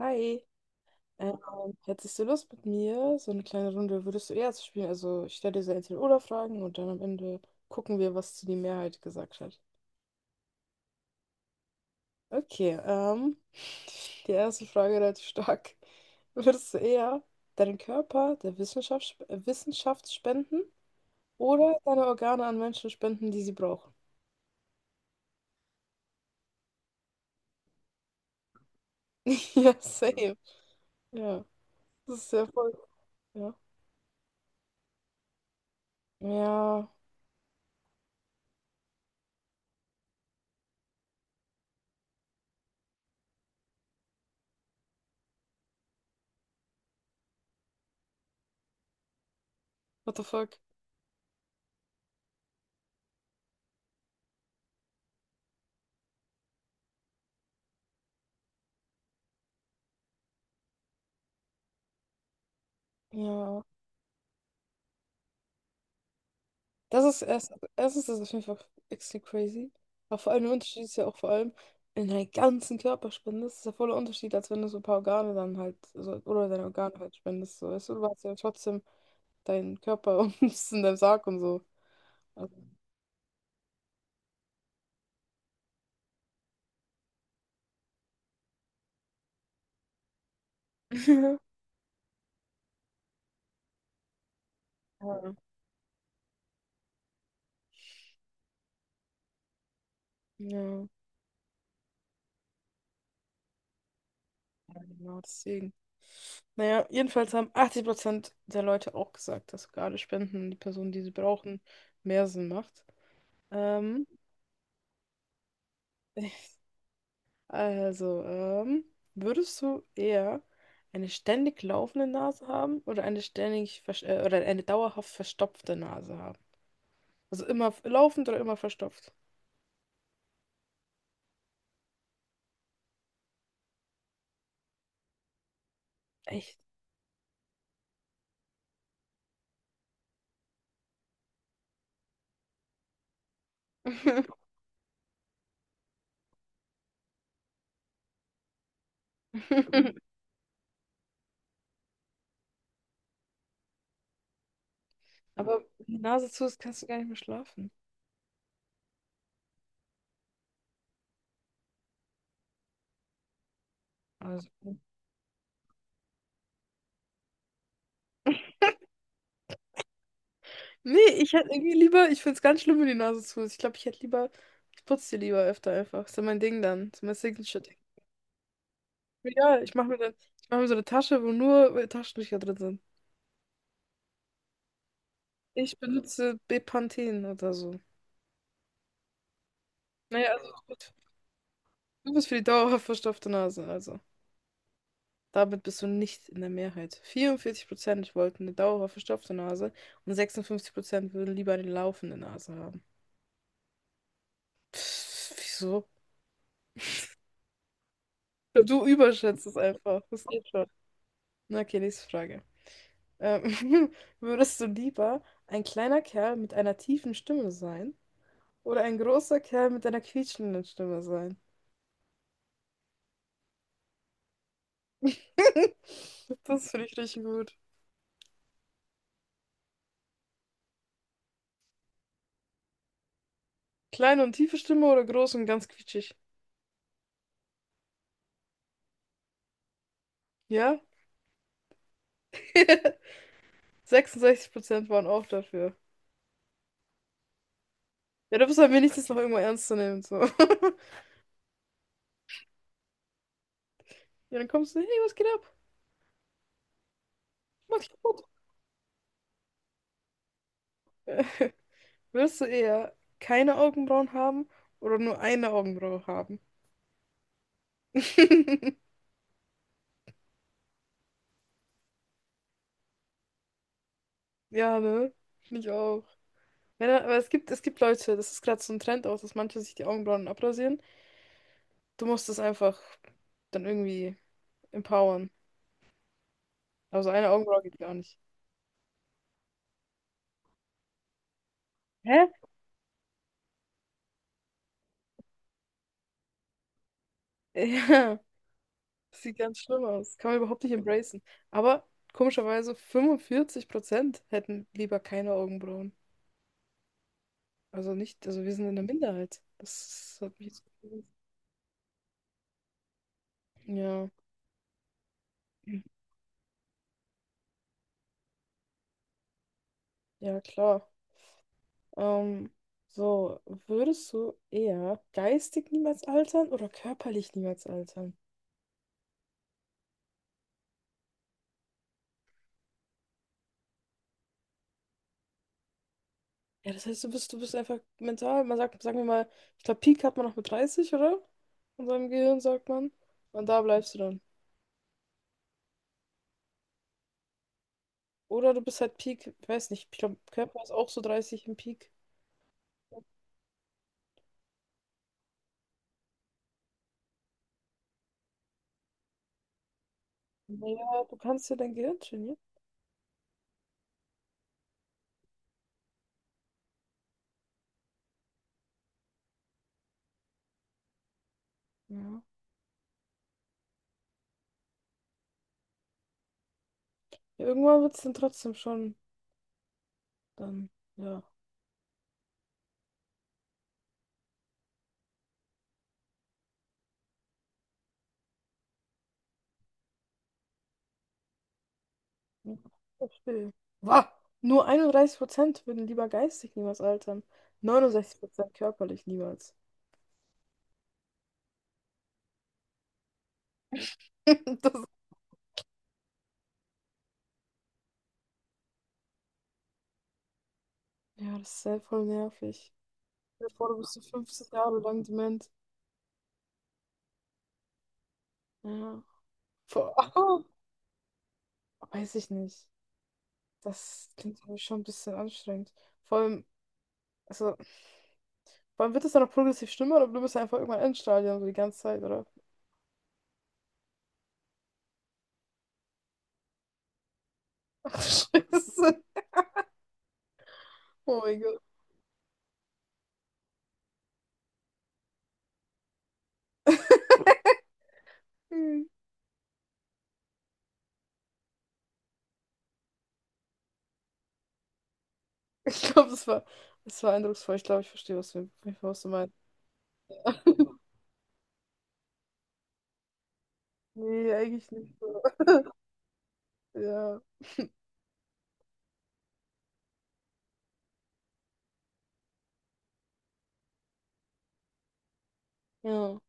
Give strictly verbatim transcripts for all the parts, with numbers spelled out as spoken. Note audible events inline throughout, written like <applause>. Hi, ähm, hättest du Lust mit mir, so eine kleine Runde würdest du eher zu spielen? Also ich stelle dir so Entweder-Oder-Fragen und dann am Ende gucken wir, was zu die Mehrheit gesagt hat. Okay, ähm, <laughs> die erste Frage relativ stark. <laughs> Würdest du eher deinen Körper der Wissenschaft, äh, Wissenschaft spenden oder deine Organe an Menschen spenden, die sie brauchen? <laughs> Ja, same. Ja, das ist ja voll. Ja. Ja, what the fuck? Ja. Das ist erst, erstens ist das auf jeden Fall extrem crazy. Aber vor allem der Unterschied ist ja auch vor allem in deinen ganzen Körperspende. Das ist ja voller Unterschied, als wenn du so ein paar Organe dann halt, so, oder deine Organe halt spendest. So, weißt du, du hast ja trotzdem deinen Körper <laughs> und bist in deinem Sarg und so. Also, <laughs> ja, ja, genau, deswegen. Naja, jedenfalls haben achtzig Prozent der Leute auch gesagt, dass Organe spenden und die Personen, die sie brauchen, mehr Sinn macht. Ähm, <laughs> Also, ähm, würdest du eher eine ständig laufende Nase haben oder eine ständig versch- äh, oder eine dauerhaft verstopfte Nase haben? Also immer f- laufend oder immer verstopft? Echt? <laughs> Aber wenn die Nase zu ist, kannst du gar nicht mehr schlafen. Also. Nee, ich hätte irgendwie lieber, ich finde es ganz schlimm, wenn die Nase zu ist. Ich glaube, ich hätte lieber, ich putze die lieber öfter einfach. Ist ja mein Ding dann. Ist ja mein Signature-Ding. Ja, ich mache mir dann, ich mache mir so eine Tasche, wo nur äh, Taschentücher drin sind. Ich benutze Bepanthen oder so. Naja, also gut. Du bist für die dauerhaft verstopfte Nase, also. Damit bist du nicht in der Mehrheit. Vierundvierzig Prozent wollten eine dauerhaft verstopfte Nase und sechsundfünfzig Prozent würden lieber eine laufende Nase haben. Pff, wieso? Du überschätzt es einfach. Das geht schon. Na, okay, nächste Frage. Ähm, <laughs> würdest du lieber ein kleiner Kerl mit einer tiefen Stimme sein oder ein großer Kerl mit einer quietschenden Stimme sein? <laughs> Das finde ich richtig gut. Kleine und tiefe Stimme oder groß und ganz quietschig? Ja? <laughs> sechsundsechzig Prozent waren auch dafür. Ja, du bist halt wenigstens noch irgendwo ernst zu nehmen. So. <laughs> Ja, dann kommst du, hey, was geht ab? Mach dich kaputt. <laughs> Willst du eher keine Augenbrauen haben oder nur eine Augenbraue haben? <laughs> Ja, ne? Finde ich auch. Wenn, aber es gibt, es gibt Leute, das ist gerade so ein Trend auch, dass manche sich die Augenbrauen abrasieren. Du musst es einfach dann irgendwie empowern. Also eine Augenbraue geht gar nicht. Hä? <laughs> Ja. Das sieht ganz schlimm aus. Kann man überhaupt nicht embracen. Aber komischerweise fünfundvierzig Prozent hätten lieber keine Augenbrauen. Also nicht, also wir sind in der Minderheit. Das hat mich jetzt gewundert. Ja, ja, klar. Ähm, so, würdest du eher geistig niemals altern oder körperlich niemals altern? Ja, das heißt, du bist, du bist einfach mental, man sagt, sagen wir mal, ich glaube, Peak hat man noch mit dreißig, oder? In seinem Gehirn, sagt man. Und da bleibst du dann. Oder du bist halt Peak, ich weiß nicht, ich glaube, Körper ist auch so dreißig im Peak. Naja, du kannst ja dein Gehirn trainieren. Ja. Ja, irgendwann wird es dann trotzdem schon, dann, ja. Verstehe. Wah, nur einunddreißig Prozent würden lieber geistig niemals altern. Neunundsechzig Prozent körperlich niemals. <laughs> Das, ja, das ist sehr voll nervig. Stell dir vor, du bist so fünfzig Jahre lang dement. Ja. Vor, <laughs> weiß ich nicht. Das klingt für mich schon ein bisschen anstrengend. Vor allem, also vor allem wird das dann noch progressiv schlimmer oder du bist einfach irgendwann Endstadium so die ganze Zeit, oder? <laughs> Ach, Scheiße. Oh mein Gott. <laughs> Hm. Ich glaube, das war, das war eindrucksvoll. Ich glaube, ich verstehe, was du, was du meinst. <laughs> Nee, eigentlich nicht so. Ja. Ja.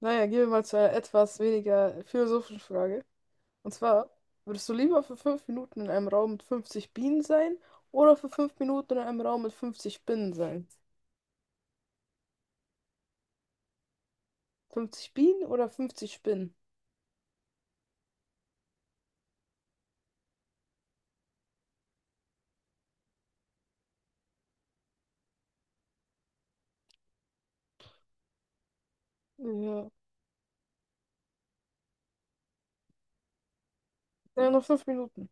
Naja, gehen wir mal zu einer etwas weniger philosophischen Frage. Und zwar, würdest du lieber für fünf Minuten in einem Raum mit fünfzig Bienen sein oder für fünf Minuten in einem Raum mit fünfzig Spinnen sein? Fünfzig Bienen oder fünfzig Spinnen? Ja. Ja, nur fünf Minuten.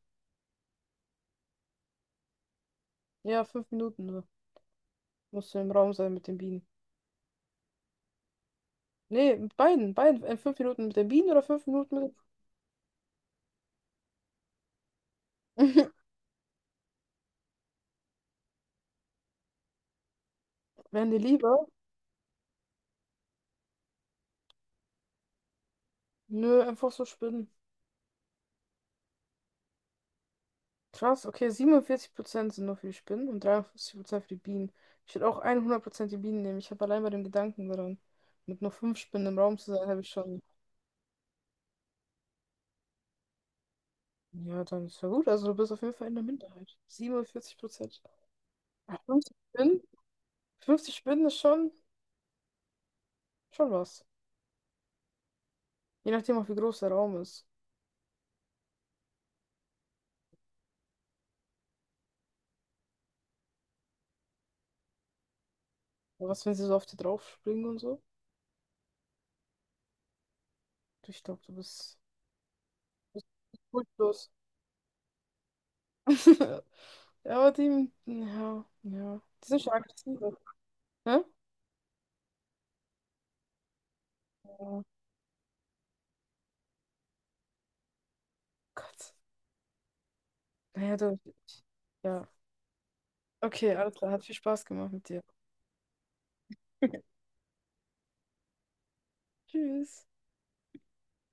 Ja, fünf Minuten nur. Musst du im Raum sein mit den Bienen. Nee, mit beiden, beiden. Äh, Fünf Minuten mit den Bienen oder fünf Minuten mit. <laughs> Wären die lieber? Nö, einfach so Spinnen. Krass, okay, siebenundvierzig Prozent sind nur für die Spinnen und dreiundfünfzig Prozent für die Bienen. Ich würde auch hundert Prozent die Bienen nehmen. Ich habe allein bei dem Gedanken daran, mit nur fünf Spinnen im Raum zu sein, habe ich schon. Ja, dann ist ja gut. Also du bist auf jeden Fall in der Minderheit. siebenundvierzig Prozent. Ja, fünfzig Spinnen? Fünfzig Spinnen ist schon, schon was. Je nachdem auch, wie groß der Raum ist. Aber was, wenn sie so auf dir drauf springen und so? Du Ich glaube, du bist du bist furchtlos. <laughs> Ja, aber die, ja, ja. Die sind schon aggressiv. Ne? Ja. Gott. Naja, du. Ja. Okay, alles klar. Hat viel Spaß gemacht mit dir. <laughs> Tschüss.